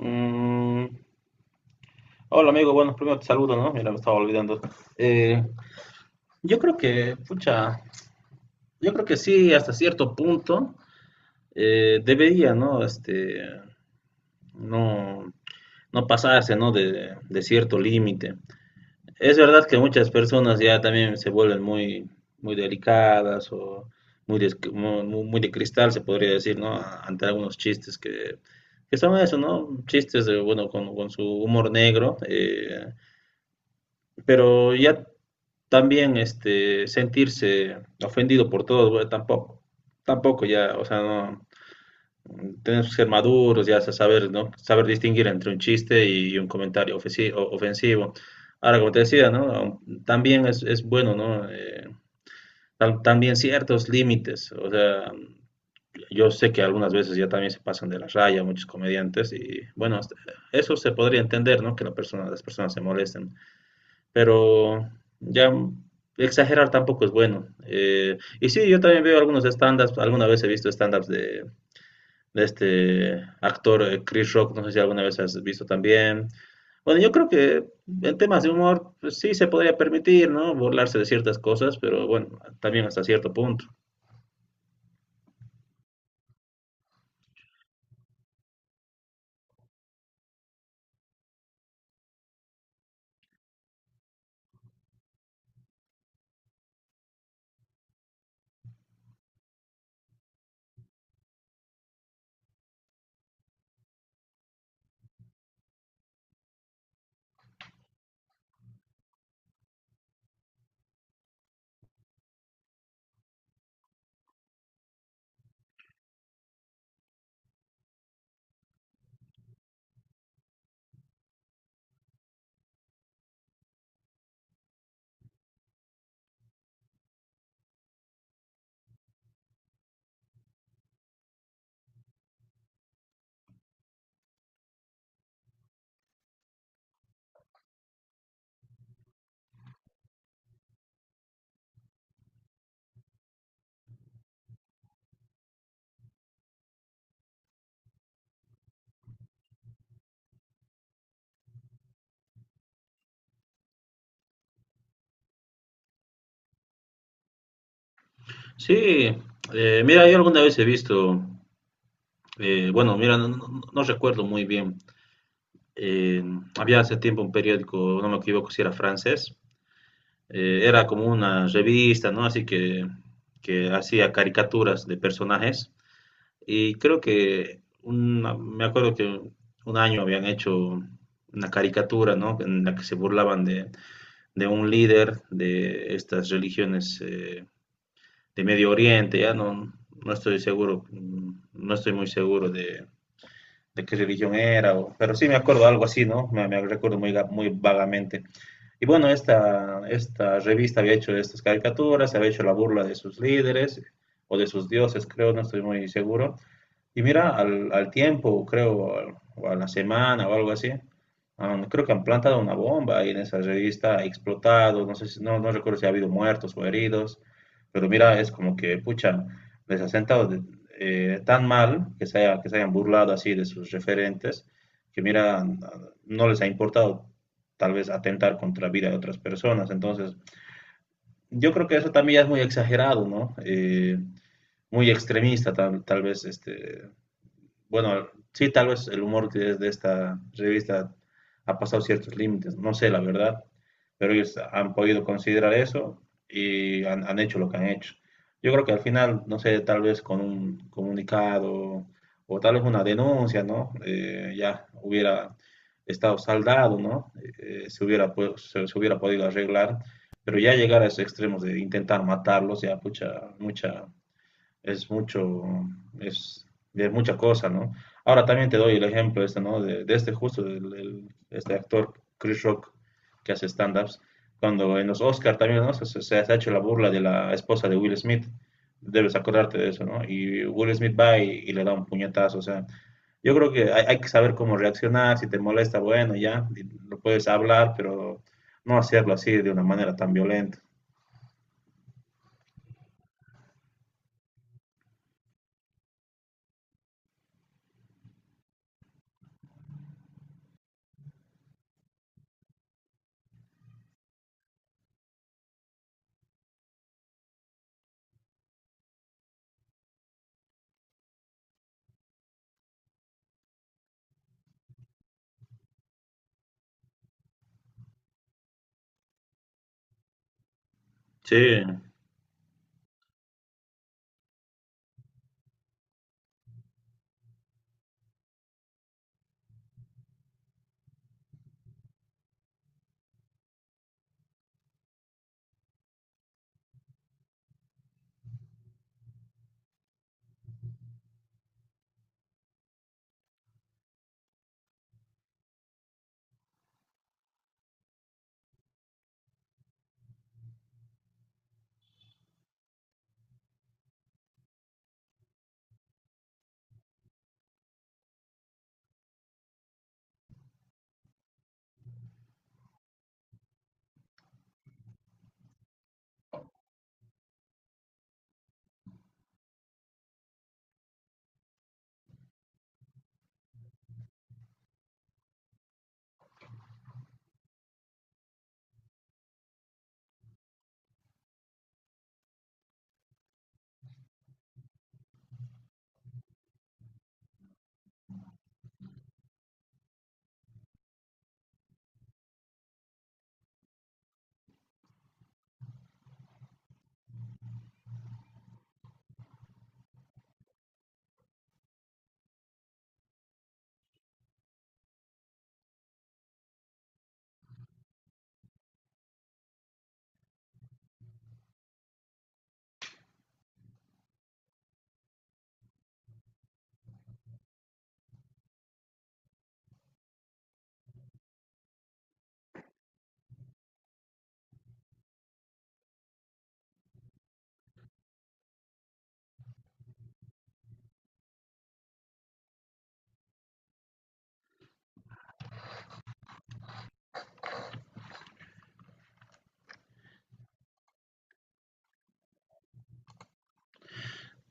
Mm, hola amigo, bueno, primero te saludo, ¿no? Mira, me estaba olvidando. Eh, yo creo que, pucha, yo creo que sí, hasta cierto punto debería, ¿no? Este, no, no pasarse, ¿no? De cierto límite. Es verdad que muchas personas ya también se vuelven muy, muy delicadas o muy de, muy, muy de cristal, se podría decir, ¿no? Ante algunos chistes que son eso, ¿no? Chistes, de, bueno, con su humor negro. Pero ya también este, sentirse ofendido por todo, bueno, tampoco, tampoco ya, o sea, no, tenemos que ser maduros, ya saber, ¿no? Saber distinguir entre un chiste y un comentario ofensivo. Ahora, como te decía, ¿no? También es bueno, ¿no? También ciertos límites, o sea, yo sé que algunas veces ya también se pasan de la raya muchos comediantes y, bueno, eso se podría entender, ¿no? Que la persona, las personas se molesten pero ya exagerar tampoco es bueno. Y sí, yo también veo algunos stand-ups, alguna vez he visto stand-ups de este actor Chris Rock, no sé si alguna vez has visto también. Bueno, yo creo que en temas de humor pues, sí se podría permitir, ¿no? Burlarse de ciertas cosas, pero bueno, también hasta cierto punto. Sí, mira, yo alguna vez he visto, bueno, mira, no, no recuerdo muy bien, eh, había hace tiempo un periódico, no me equivoco si era francés, era como una revista, ¿no? Así que hacía caricaturas de personajes. Y creo que me acuerdo que un año habían hecho una caricatura, ¿no? En la que se burlaban de un líder de estas religiones de Medio Oriente, ya no, no estoy seguro, no estoy muy seguro de qué religión era, pero sí me acuerdo algo así, ¿no? Me recuerdo muy, muy vagamente. Y bueno, esta revista había hecho estas caricaturas, había hecho la burla de sus líderes o de sus dioses, creo, no estoy muy seguro. Y mira, al, al tiempo, creo, o a la semana o algo así, creo que han plantado una bomba ahí en esa revista, ha explotado, no, no recuerdo si ha habido muertos o heridos, pero mira, es como que, pucha, les ha sentado tan mal que que se hayan burlado así de sus referentes, que mira, no les ha importado tal vez atentar contra la vida de otras personas. Entonces, yo creo que eso también ya es muy exagerado, ¿no? Muy extremista tal, tal vez este, bueno, sí, tal vez el humor que es de esta revista ha pasado ciertos límites, no sé la verdad, pero ellos han podido considerar eso y han, han hecho lo que han hecho. Yo creo que al final, no sé, tal vez con un comunicado o tal vez una denuncia, ¿no? Ya hubiera estado saldado, ¿no? Se hubiera, pues, se hubiera podido arreglar, pero ya llegar a esos extremos de intentar matarlos, ya mucha, mucha, es mucho, es de mucha cosa, ¿no? Ahora también te doy el ejemplo este, ¿no? De este justo, este actor Chris Rock que hace stand-ups, cuando en los Oscar también, ¿no? Se, se ha hecho la burla de la esposa de Will Smith, debes acordarte de eso, ¿no? Y Will Smith va y le da un puñetazo, o sea, yo creo que hay que saber cómo reaccionar, si te molesta, bueno, ya, y lo puedes hablar, pero no hacerlo así de una manera tan violenta. Sí,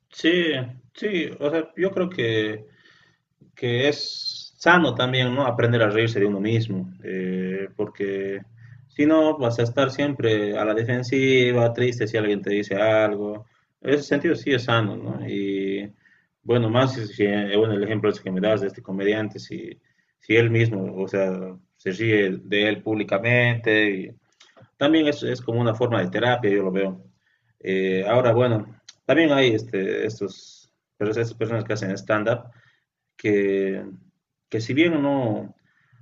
sí, sí, o sea, yo creo que es sano también, ¿no? Aprender a reírse de uno mismo, porque si no, vas a estar siempre a la defensiva, triste si alguien te dice algo. En ese sentido sí es sano, ¿no? Y bueno, más si, bueno, el ejemplo ese que me das de este comediante, si, si él mismo, o sea, se ríe de él públicamente, y también es como una forma de terapia, yo lo veo. Ahora, bueno, también hay este, estos, pero esas personas que hacen stand-up, que, que si bien no,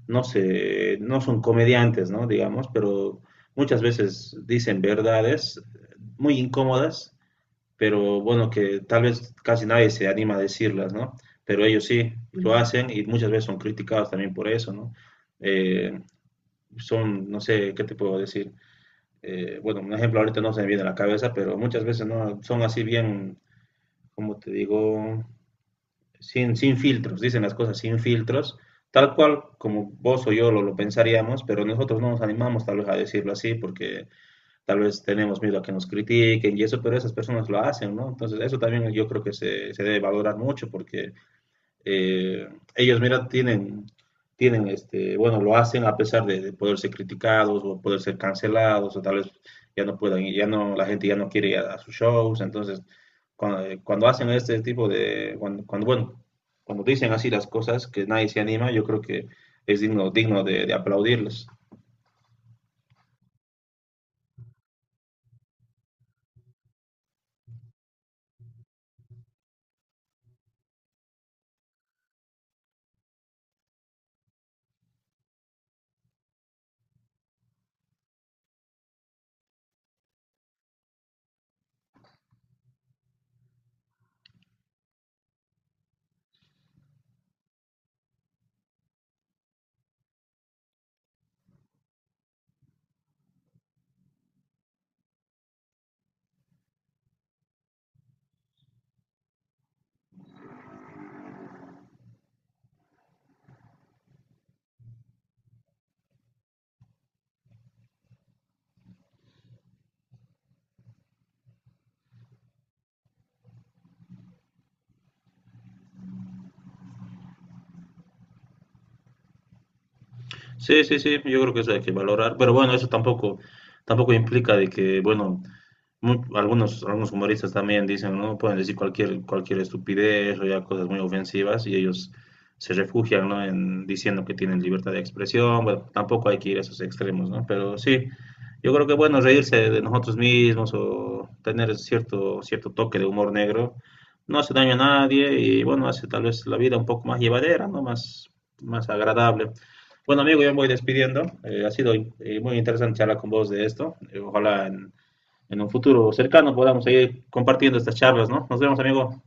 no, se, no son comediantes, ¿no? Digamos, pero muchas veces dicen verdades muy incómodas, pero bueno, que tal vez casi nadie se anima a decirlas, ¿no? Pero ellos sí lo hacen y muchas veces son criticados también por eso, ¿no? Eh, son, no sé, ¿qué te puedo decir? Bueno, un ejemplo ahorita no se me viene a la cabeza, pero muchas veces no son así bien, como te digo, sin, sin filtros, dicen las cosas sin filtros, tal cual como vos o yo lo pensaríamos, pero nosotros no nos animamos tal vez a decirlo así porque tal vez tenemos miedo a que nos critiquen y eso, pero esas personas lo hacen, ¿no? Entonces eso también yo creo que se debe valorar mucho porque eh, ellos, mira, tienen, tienen, este, bueno, lo hacen a pesar de poder ser criticados o poder ser cancelados o tal vez ya no puedan, ir, ya no, la gente ya no quiere ir a sus shows, entonces cuando, cuando, hacen este tipo de, cuando, cuando, bueno, cuando dicen así las cosas que nadie se anima, yo creo que es digno, digno de aplaudirles. Sí, sí, sí, yo creo que eso hay que valorar, pero bueno, eso tampoco, tampoco implica de que, bueno, algunos, algunos humoristas también dicen, ¿no? Pueden decir cualquier, cualquier estupidez o ya cosas muy ofensivas y ellos se refugian, ¿no? En diciendo que tienen libertad de expresión. Bueno, tampoco hay que ir a esos extremos, ¿no? Pero sí, yo creo que bueno, reírse de nosotros mismos o tener cierto, cierto toque de humor negro no hace daño a nadie y bueno, hace tal vez la vida un poco más llevadera, ¿no? Más, más agradable. Bueno, amigo, yo me voy despidiendo. Ha sido muy interesante charlar con vos de esto. Ojalá en un futuro cercano podamos seguir compartiendo estas charlas, ¿no? Nos vemos, amigo.